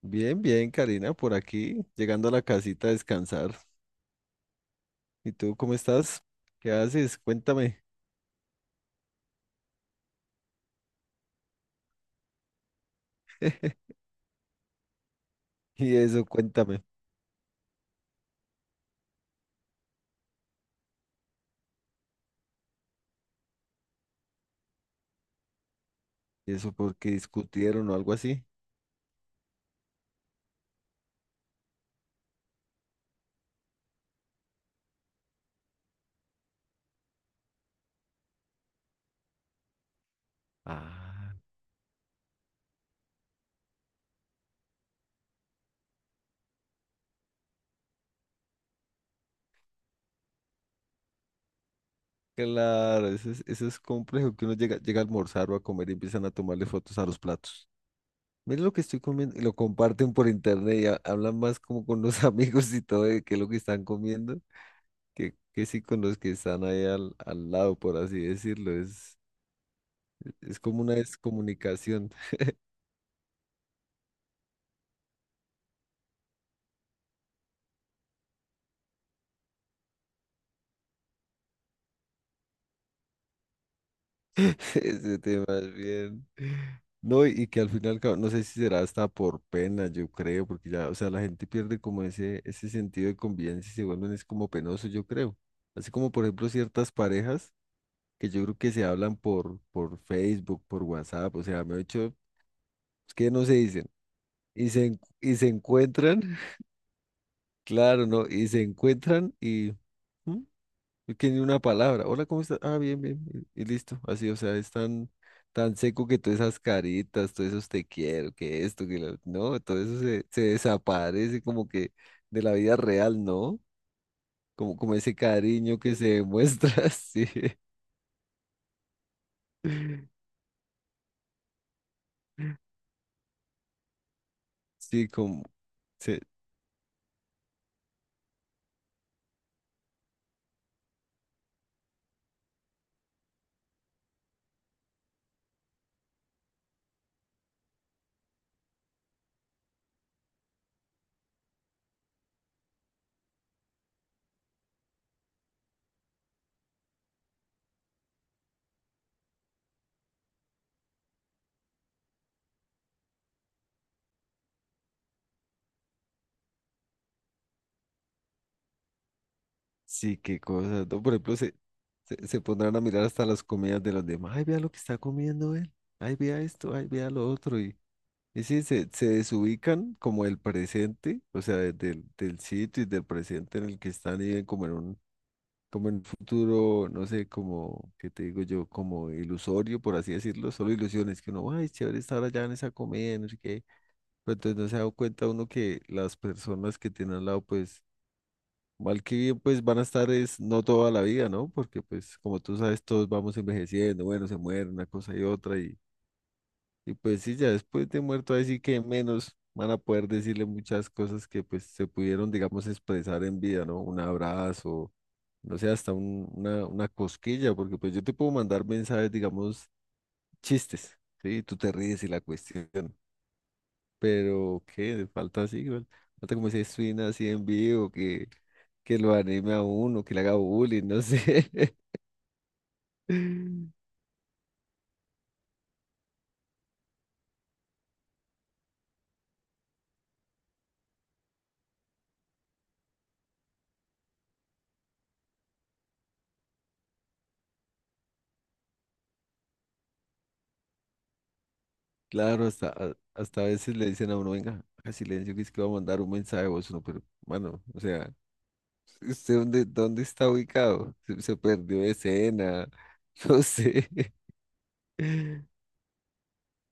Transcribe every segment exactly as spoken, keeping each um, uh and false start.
Bien, bien, Karina, por aquí, llegando a la casita a descansar. ¿Y tú cómo estás? ¿Qué haces? Cuéntame. Y eso, cuéntame. ¿Y eso porque discutieron o algo así? Ah, claro, eso es, eso es complejo, que uno llega, llega a almorzar o a comer y empiezan a tomarle fotos a los platos. Miren lo que estoy comiendo y lo comparten por internet y ha- hablan más como con los amigos y todo de qué es lo que están comiendo que, que sí con los que están ahí al, al lado, por así decirlo. Es, es como una descomunicación. Ese tema es bien. No, y que al final, cabo, no sé si será hasta por pena, yo creo, porque ya, o sea, la gente pierde como ese, ese sentido de convivencia y se vuelven es como penoso, yo creo. Así como, por ejemplo, ciertas parejas que yo creo que se hablan por, por Facebook, por WhatsApp, o sea, me he hecho, es que no se dicen. Y se, en- y se encuentran, claro, ¿no? Y se encuentran y... ¿Mm? Es que ni una palabra. Hola, ¿cómo estás? Ah, bien, bien. Y, y listo. Así, o sea, es tan, tan seco que todas esas caritas, todos esos te quiero, que esto, que lo... No, todo eso se, se desaparece como que de la vida real, ¿no? Como, como ese cariño que se demuestra, sí. Sí, como... se- sí, qué cosa, ¿no? Por ejemplo, se, se, se pondrán a mirar hasta las comidas de los demás. Ay, vea lo que está comiendo él. Ay, vea esto, ay, vea lo otro. Y sí, se, se desubican como el presente, o sea, de- del, del sitio y del presente en el que están y ven como en un, como en un futuro, no sé, como, ¿qué te digo yo? Como ilusorio, por así decirlo, solo ilusiones, que uno, ay, chévere estar allá en esa comida, no sé qué, pero entonces no se da cuenta uno que las personas que tienen al lado, pues, mal que bien, pues van a estar es no toda la vida, ¿no? Porque pues, como tú sabes, todos vamos envejeciendo, bueno, se muere una cosa y otra y pues sí, ya después de muerto, así que menos van a poder decirle muchas cosas que pues se pudieron, digamos, expresar en vida, ¿no? Un abrazo, no sé, hasta un- una, una cosquilla, porque pues yo te puedo mandar mensajes, digamos, chistes, ¿sí? Tú te ríes y la cuestión, pero ¿qué? Falta así, igual, falta como ese swing así en vivo, que, que lo anime a uno, que le haga bullying, no sé. Claro, hasta, a- hasta a veces le dicen a uno, venga, haga silencio, que es que va a mandar un mensaje de voz, uno, pero, bueno, o sea... ¿Usted dónde, dónde está ubicado? Se, se perdió de escena, no sé.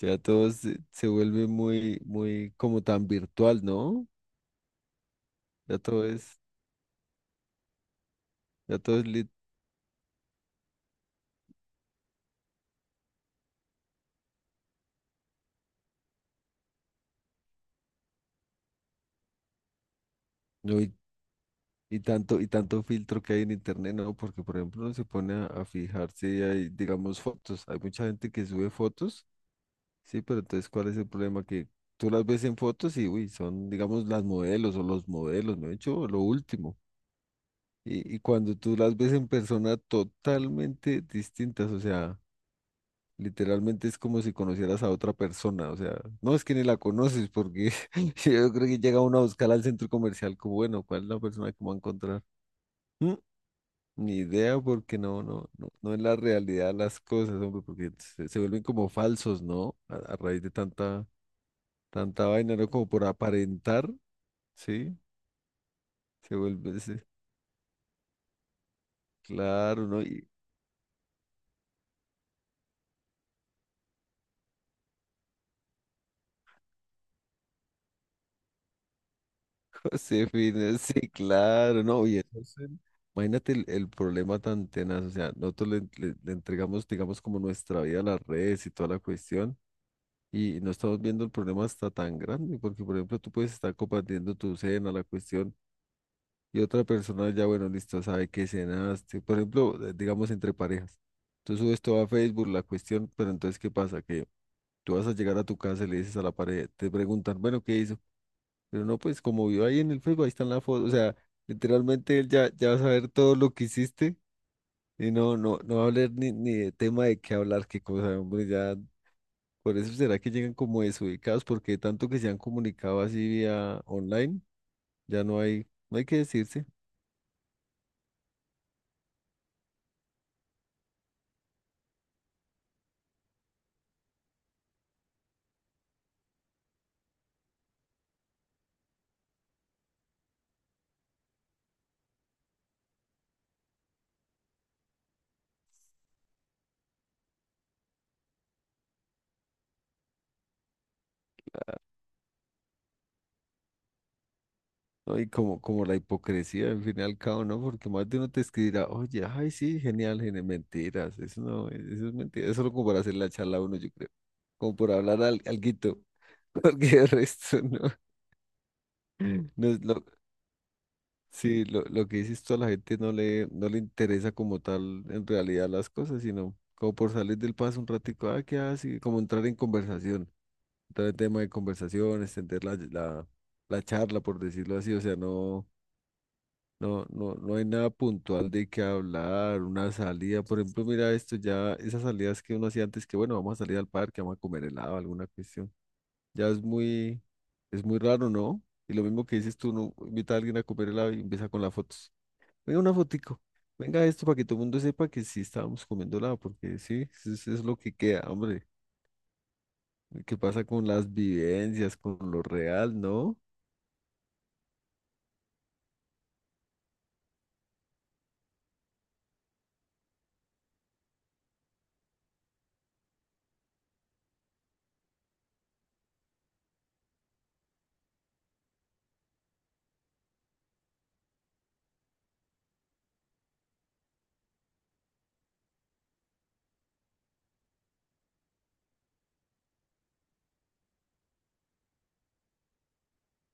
Ya todo se, se vuelve muy, muy como tan virtual, ¿no? Ya todo es, ya todo es lit- no, y, y tanto, y tanto filtro que hay en internet, ¿no? Porque, por ejemplo, uno se pone a, a fijarse y hay, digamos, fotos. Hay mucha gente que sube fotos, sí, pero entonces, ¿cuál es el problema? Que tú las ves en fotos y, uy, son, digamos, las modelos o los modelos, ¿no? De hecho, lo último. Y, y cuando tú las ves en persona totalmente distintas, o sea, literalmente es como si conocieras a otra persona, o sea, no es que ni la conoces, porque yo creo que llega uno a buscar al centro comercial como, bueno, ¿cuál es la persona que me va a encontrar? Mm, ni idea, porque no, no, no, no es la realidad las cosas, hombre, porque se, se vuelven como falsos, ¿no? A, a raíz de tanta, tanta vaina, ¿no? Como por aparentar, ¿sí? Se vuelve, ese- claro, ¿no? Josefina, sí, claro, no, y entonces, imagínate el, el problema tan tenaz, o sea, nosotros le, le- le entregamos, digamos, como nuestra vida a las redes y toda la cuestión, y no estamos viendo el problema hasta tan grande, porque, por ejemplo, tú puedes estar compartiendo tu cena, la cuestión, y otra persona ya, bueno, listo, sabe que cenaste, por ejemplo, eh, digamos, entre parejas, tú subes todo a Facebook, la cuestión, pero entonces, ¿qué pasa? Que tú vas a llegar a tu casa y le dices a la pareja, te preguntan, bueno, ¿qué hizo? Pero no, pues como vio ahí en el Facebook, ahí están las fotos. O sea, literalmente él ya, ya va a saber todo lo que hiciste y no, no, no va a hablar ni, ni de tema de qué hablar, qué cosa, hombre, ya. Por eso será que llegan como desubicados, porque tanto que se han comunicado así vía online, ya no hay, no hay que decirse. ¿No? Y como, como la hipocresía, al fin y al cabo, ¿no? Porque más de uno te escribirá, oye, ay, sí, genial, genial, mentiras, eso no, eso es mentira, eso es solo como para hacer la charla a uno, yo creo, como por hablar al, alguito, porque el resto no. No es lo, sí, lo, lo que dices tú a la gente no le, no le interesa como tal en realidad las cosas, sino como por salir del paso un ratico, ah, ¿qué hace? Como entrar en conversación, entrar en tema de conversación, extender la, la, la charla, por decirlo así, o sea, no, no, no, no hay nada puntual de qué hablar, una salida, por ejemplo, mira esto ya, esas salidas que uno hacía antes, que bueno, vamos a salir al parque, vamos a comer helado, alguna cuestión. Ya es muy, es muy raro, ¿no? Y lo mismo que dices tú, no invita a alguien a comer helado y empieza con las fotos. Venga, una fotico. Venga esto para que todo el mundo sepa que sí estábamos comiendo helado, porque sí, eso es es lo que queda, hombre. ¿Qué pasa con las vivencias, con lo real, no?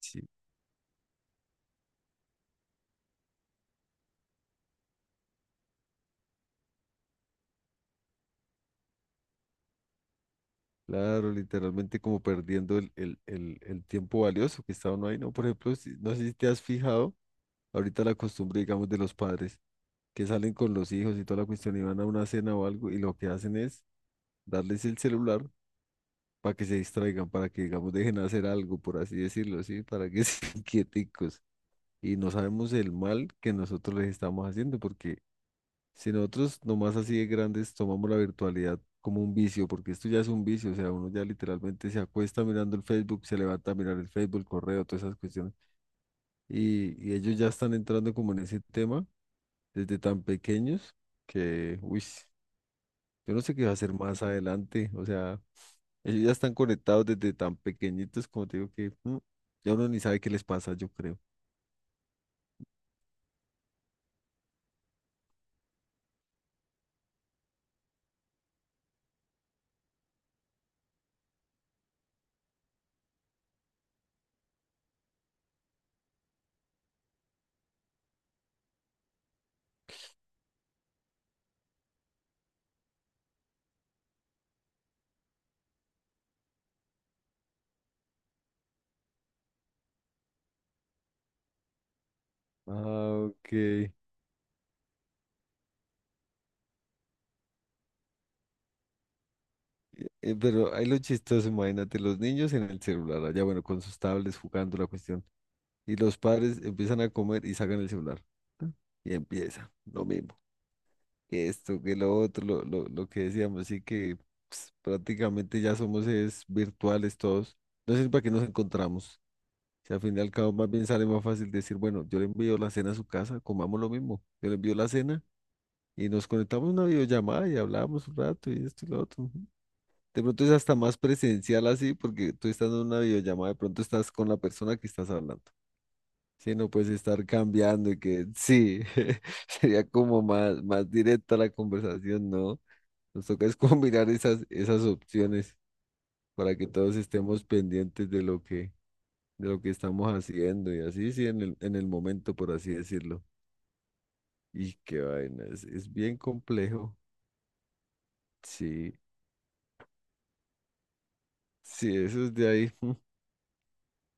Sí, claro, literalmente como perdiendo el, el, el, el tiempo valioso que está uno ahí, ¿no? Por ejemplo, si- no sé si te has fijado, ahorita la costumbre, digamos, de los padres que salen con los hijos y toda la cuestión y van a una cena o algo y lo que hacen es darles el celular para que se distraigan, para que, digamos, dejen hacer algo, por así decirlo, ¿sí? Para que sean quieticos. Y no sabemos el mal que nosotros les estamos haciendo, porque si nosotros nomás así de grandes tomamos la virtualidad como un vicio, porque esto ya es un vicio, o sea, uno ya literalmente se acuesta mirando el Facebook, se levanta a mirar el Facebook, el correo, todas esas cuestiones. Y, y ellos ya están entrando como en ese tema desde tan pequeños que, uy, yo no sé qué va a hacer más adelante, o sea... Ellos ya están conectados desde tan pequeñitos, como te digo, que mm, ya uno ni sabe qué les pasa, yo creo. Ah, ok. Eh, eh, pero ahí lo chistoso, imagínate, los niños en el celular, allá bueno, con sus tablets jugando la cuestión, y los padres empiezan a comer y sacan el celular, ¿no? Y empieza lo mismo, que esto, que lo otro, lo, lo, lo que decíamos, así que pues, prácticamente ya somos es virtuales todos, no sé para qué nos encontramos. Si al fin y al cabo más bien sale más fácil decir, bueno, yo le envío la cena a su casa, comamos lo mismo. Yo le envío la cena y nos conectamos a una videollamada y hablamos un rato y esto y lo otro. Ujú. De pronto es hasta más presencial así porque tú estás en una videollamada, de pronto estás con la persona que estás hablando. Sí, no puedes estar cambiando y que sí, sería como más, más directa la conversación, ¿no? Nos toca es combinar esas, esas opciones para que todos estemos pendientes de lo que, de lo que estamos haciendo y así, sí, en el, en el momento, por así decirlo. Y qué vaina, es, es bien complejo. Sí, sí, eso es de ahí. mm,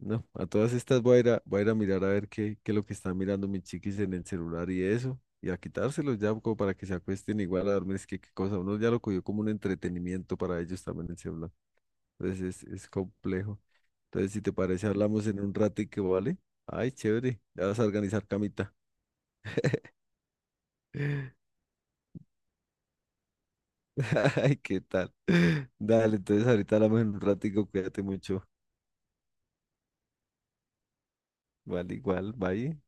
no, a todas estas voy a ir a, voy a ir a mirar a ver qué, qué es lo que están mirando mis chiquis en el celular y eso, y a quitárselos ya como para que se acuesten igual a dormir. Es que qué cosa, uno ya lo cogió como un entretenimiento para ellos también el celular. Entonces es, es complejo. Entonces, si te parece, hablamos en un ratico, ¿vale? Ay, chévere, ya vas a organizar camita. Ay, ¿qué tal? Dale, entonces ahorita hablamos en un ratico, cuídate mucho. Vale, igual, bye.